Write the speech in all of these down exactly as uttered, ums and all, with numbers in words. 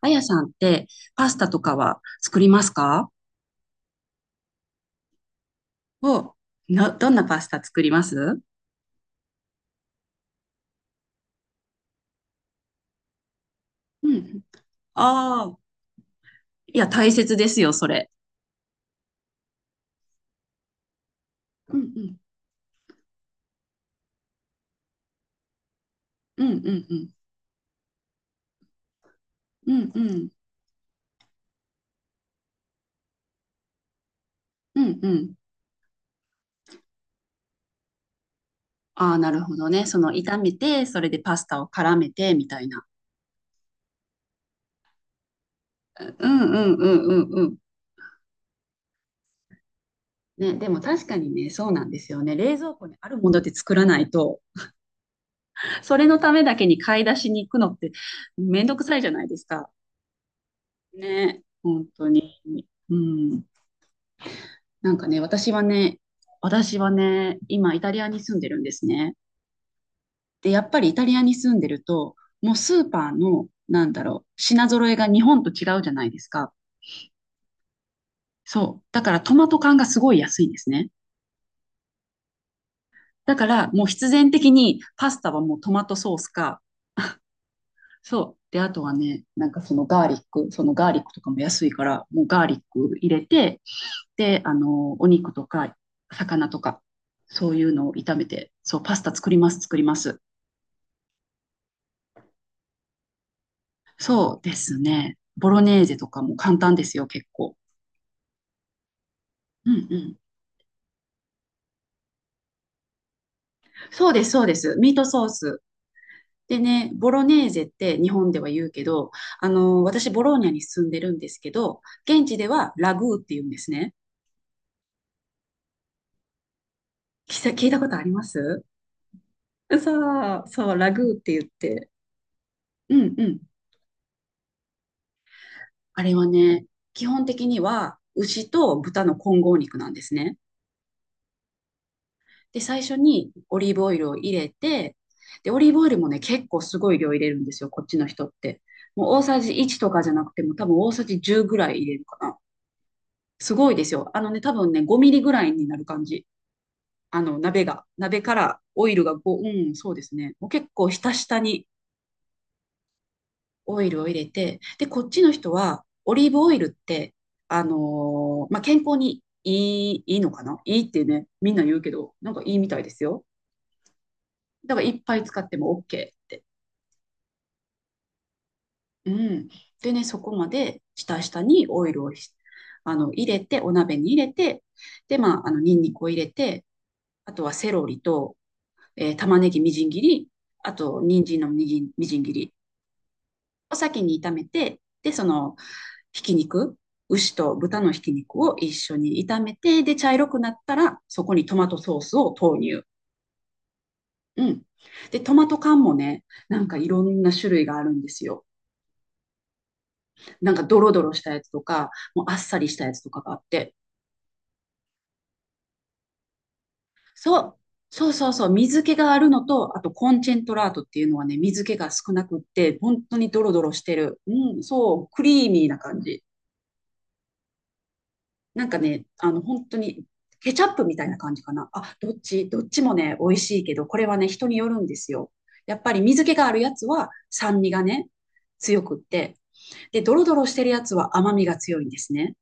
あやさんってパスタとかは作りますか？お、な、どんなパスタ作ります？うん、ああ、いや、大切ですよ、それ。うん、うん、うん、うん、うん、うん、うん、うんうん。ああ、なるほどね。その炒めて、それでパスタを絡めて、みたいな。うん、うん、うん、うん、うん。ね、でも確かにね、そうなんですよね。冷蔵庫にあるもので作らないと、それのためだけに買い出しに行くのってめんどくさいじゃないですか。ね、本当に。うん。なんかね、私はね、私はね、今イタリアに住んでるんですね。で、やっぱりイタリアに住んでると、もうスーパーの、なんだろう、品揃えが日本と違うじゃないですか。そう。だからトマト缶がすごい安いんですね。だからもう必然的にパスタはもうトマトソースか、そう。で、あとはね、なんかそのガーリック、そのガーリックとかも安いから、もうガーリック入れて、で、あの、お肉とか魚とか、そういうのを炒めて、そう、パスタ作ります、作ります。そうですね。ボロネーゼとかも簡単ですよ、結構。うんうん。そうです、そうです。ミートソース。でね、ボロネーゼって日本では言うけど、あの、私、ボローニャに住んでるんですけど、現地ではラグーって言うんですね。聞いた聞いたことあります。そう、そう、ラグーって言って。うんうん。あれはね、基本的には牛と豚の混合肉なんですね。で、最初にオリーブオイルを入れて、で、オリーブオイルもね、結構すごい量入れるんですよ、こっちの人って。もう大さじいちとかじゃなくても、多分大さじじゅうぐらい入れるかな。すごいですよ。あのね、多分ね、ごミリぐらいになる感じ。あの、鍋が。鍋からオイルがご、うん、そうですね。もう結構ひたひたにオイルを入れて、で、こっちの人は、オリーブオイルって、あのーまあ、健康にいい、いいのかないいってね、みんな言うけど、なんかいいみたいですよ。だからいっぱい使っても OK って。うん。でね、そこまで下下にオイルをひあの入れて、お鍋に入れて、で、まあ、あの、ニンニクを入れて、あとはセロリと、えー玉ねぎみじん切り、あと、人参のみじんみじん切りを先に炒めて、で、その、ひき肉、牛と豚のひき肉を一緒に炒めて、で、茶色くなったら、そこにトマトソースを投入。うん。で、トマト缶もね、なんかいろんな種類があるんですよ。なんかドロドロしたやつとか、もうあっさりしたやつとかがあって。そう、そうそうそう、水気があるのと、あとコンチェントラートっていうのはね、水気が少なくって、本当にドロドロしてる。うん、そう、クリーミーな感じ。なんかね、あの、本当にケチャップみたいな感じかな。あ、どっち、どっちもね、美味しいけど、これはね、人によるんですよ。やっぱり水気があるやつは酸味がね、強くって、で、ドロドロしてるやつは甘みが強いんですね。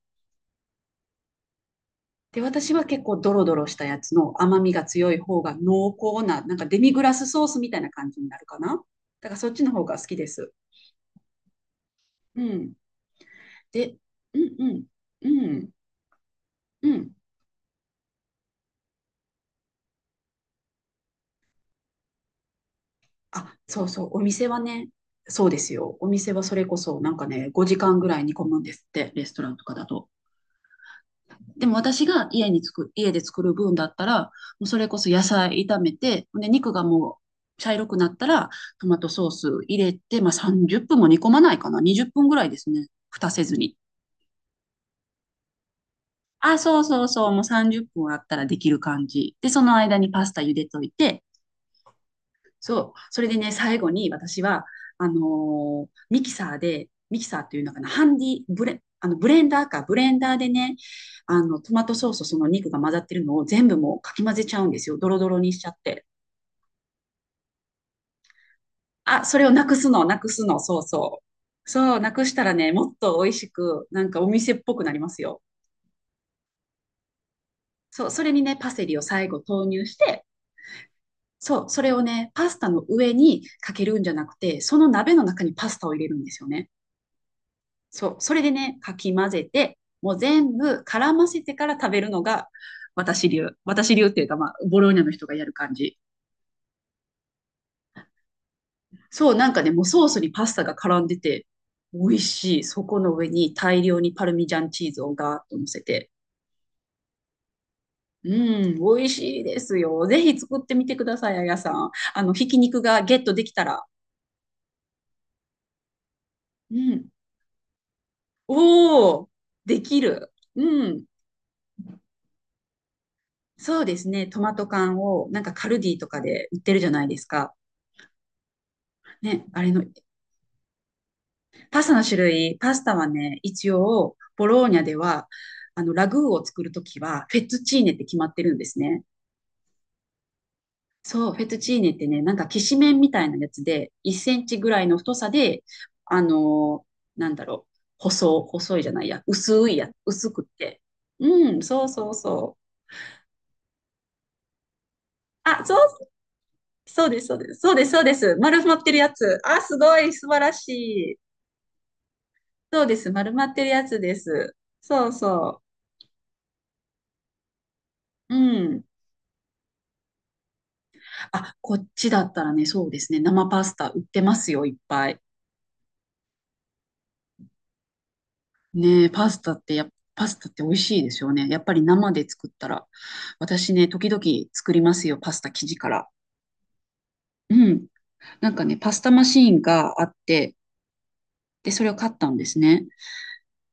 で、私は結構ドロドロしたやつの甘みが強い方が濃厚な、なんかデミグラスソースみたいな感じになるかな。だからそっちの方が好きです。うん。で、うんうん、うん、うん。あ、そうそう、お店はね、そうですよ。お店はそれこそなんかね、ごじかんぐらい煮込むんですって、レストランとかだと。でも私が家に作、家で作る分だったら、もうそれこそ野菜炒めて、で、肉がもう茶色くなったら、トマトソース入れて、まあさんじゅっぷんも煮込まないかな。にじゅっぷんぐらいですね。蓋せずに。あ、そうそうそう。もうさんじゅっぷんあったらできる感じ。で、その間にパスタ茹でといて、そう。それでね、最後に私は、あのーミキサーで、ミキサーっていうのかな、ハンディ、ブレ、あのブレンダーか、ブレンダーでね、あの、トマトソースとその肉が混ざってるのを全部もうかき混ぜちゃうんですよ。ドロドロにしちゃって。あ、それをなくすの、なくすの、そうそう。そう、なくしたらね、もっと美味しく、なんかお店っぽくなりますよ。そう、それにね、パセリを最後投入して、そう、それをね、パスタの上にかけるんじゃなくて、その鍋の中にパスタを入れるんですよね。そう、それでね、かき混ぜて、もう全部絡ませてから食べるのが私流。私流っていうか、まあ、ボローニャの人がやる感じ。そう、なんかね、もうソースにパスタが絡んでて、美味しい。そこの上に大量にパルミジャンチーズをガーッと乗せて。うん、美味しいですよ。ぜひ作ってみてください、あやさん。あの、ひき肉がゲットできたら。うん。おー、できる。うん。そうですね。トマト缶を、なんかカルディとかで売ってるじゃないですか。ね、あれの。パスタの種類、パスタはね、一応、ボローニャでは、あの、ラグーを作るときは、フェットチーネって決まってるんですね。そう、フェットチーネってね、なんか、きしめんみたいなやつで、いっセンチぐらいの太さで、あのーなんだろう、細、細いじゃないや、薄いや、薄くって。うん、そうそうそう。あ、そう、そうです、そうです、そうです、そうです。丸まってるやつ。あ、すごい、素晴らしい。そうです、丸まってるやつです。そうそう。うん。あ、こっちだったらね、そうですね。生パスタ売ってますよ、いっぱい。ねえ、パスタってや、パスタって美味しいですよね。やっぱり生で作ったら。私ね、時々作りますよ、パスタ生地から。うん。なんかね、パスタマシーンがあって、で、それを買ったんですね。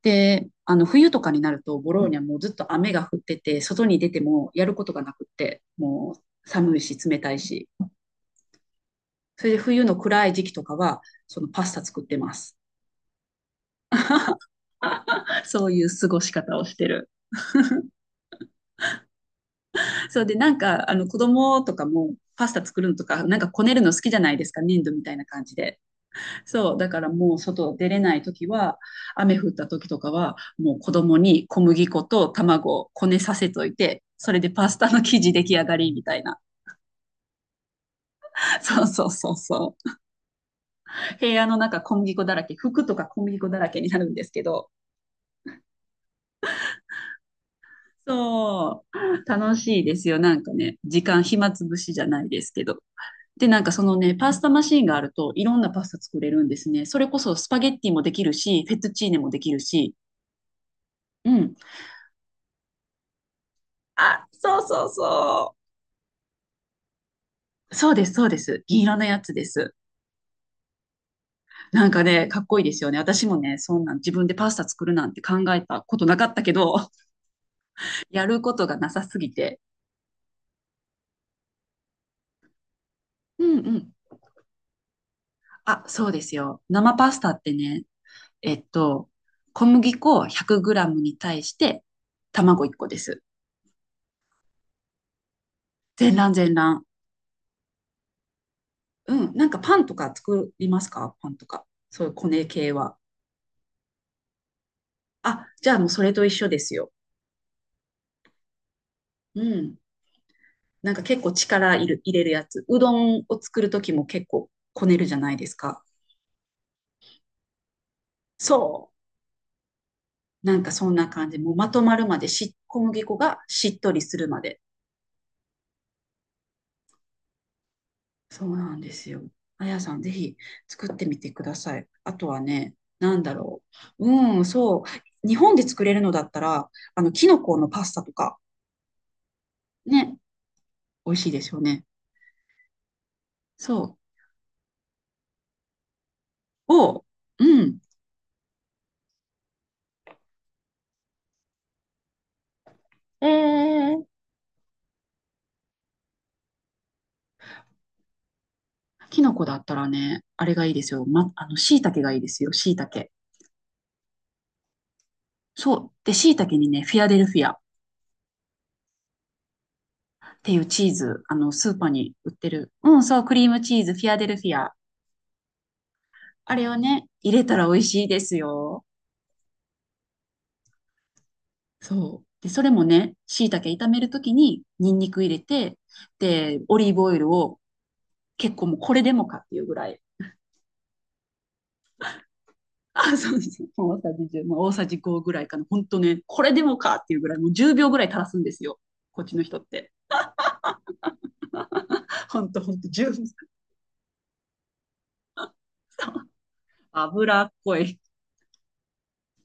で、あの、冬とかになると、ボローニャもうずっと雨が降ってて、外に出てもやることがなくって、もう寒いし、冷たいし。それで冬の暗い時期とかは、そのパスタ作ってます。そういう過ごし方をしてる。そうで、なんか、あの、子供とかも、パスタ作るのとか、なんかこねるの好きじゃないですか、粘土みたいな感じで。そう、だからもう外出れないときは、雨降ったときとかは、もう子供に小麦粉と卵をこねさせといて、それでパスタの生地出来上がりみたいな。そうそうそうそう。部屋の中小麦粉だらけ、服とか小麦粉だらけになるんですけど、そう、楽しいですよ、なんかね、時間暇つぶしじゃないですけど。で、なんかそのね、パスタマシーンがあると、いろんなパスタ作れるんですね。それこそスパゲッティもできるし、フェットチーネもできるし。うん。あ、そうそうそう。そうです、そうです。銀色のやつです。なんかね、かっこいいですよね。私もね、そんなん自分でパスタ作るなんて考えたことなかったけど、やることがなさすぎて。うんうん。あ、そうですよ。生パスタってね、えっと、小麦粉 ひゃくグラム に対して卵いっこです。全卵全卵。うん、なんかパンとか作りますか、パンとか。そういうコネ系は。あ、じゃあもうそれと一緒ですよ。うん。なんか結構力いる、入れるやつ。うどんを作るときも結構こねるじゃないですか。そう。なんかそんな感じ。もうまとまるまでし、小麦粉がしっとりするまで。そうなんですよ。あやさん、ぜひ作ってみてください。あとはね、なんだろう。うん、そう。日本で作れるのだったら、あの、キノコのパスタとか、ね、美味しいですよね。そう。を、うん、ええー、キノコだったらね、あれがいいですよ。ま、あの、椎茸がいいですよ、椎茸。そう。で、椎茸にね、フィアデルフィアっていうチーズ、あの、スーパーに売ってる。うん、そう、クリームチーズ、フィアデルフィア。あれをね、入れたら美味しいですよ。そう。で、それもね、椎茸炒めるときに、ニンニク入れて、で、オリーブオイルを結構もうこれでもかっていうぐらい。あ、そうです。大さじいち、まあ、大さじごぐらいかな。本当ね、これでもかっていうぐらい、もうじゅうびょうぐらい垂らすんですよ、こっちの人って。本当本当、いちびょう。じゅうびょう。そう、脂っこい。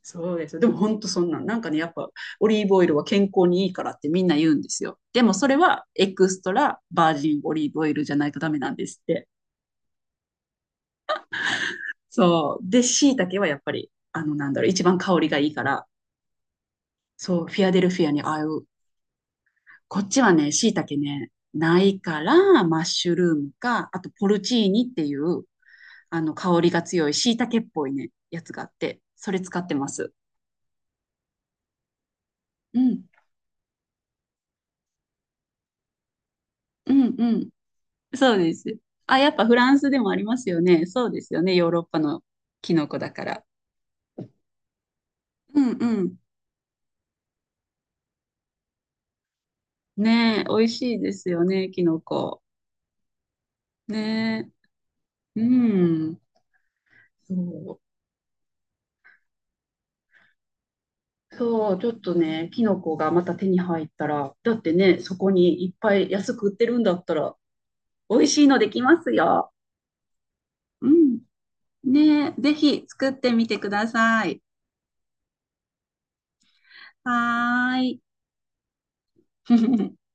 そうです。でも本当そんなん。なんかね、やっぱオリーブオイルは健康にいいからってみんな言うんですよ。でもそれはエクストラバージンオリーブオイルじゃないとダメなんですって。そう。で、椎茸はやっぱり、あの、なんだろう、一番香りがいいから、そう、フィアデルフィアにああいう。こっちはね、椎茸ね、ないから、マッシュルームか、あとポルチーニっていう、あの、香りが強い椎茸っぽいね、やつがあって、それ使ってます。うん、うん、うん。そうです。あ、やっぱフランスでもありますよね。そうですよね。ヨーロッパのキノコだから。うんうん。ねえ、美味しいですよね、キノコ。ねえ。うん。そう。そう、ちょっとね、キノコがまた手に入ったら、だってね、そこにいっぱい安く売ってるんだったら、美味しいのできますよ。うん。ねえ、ぜひ作ってみてください。はーい。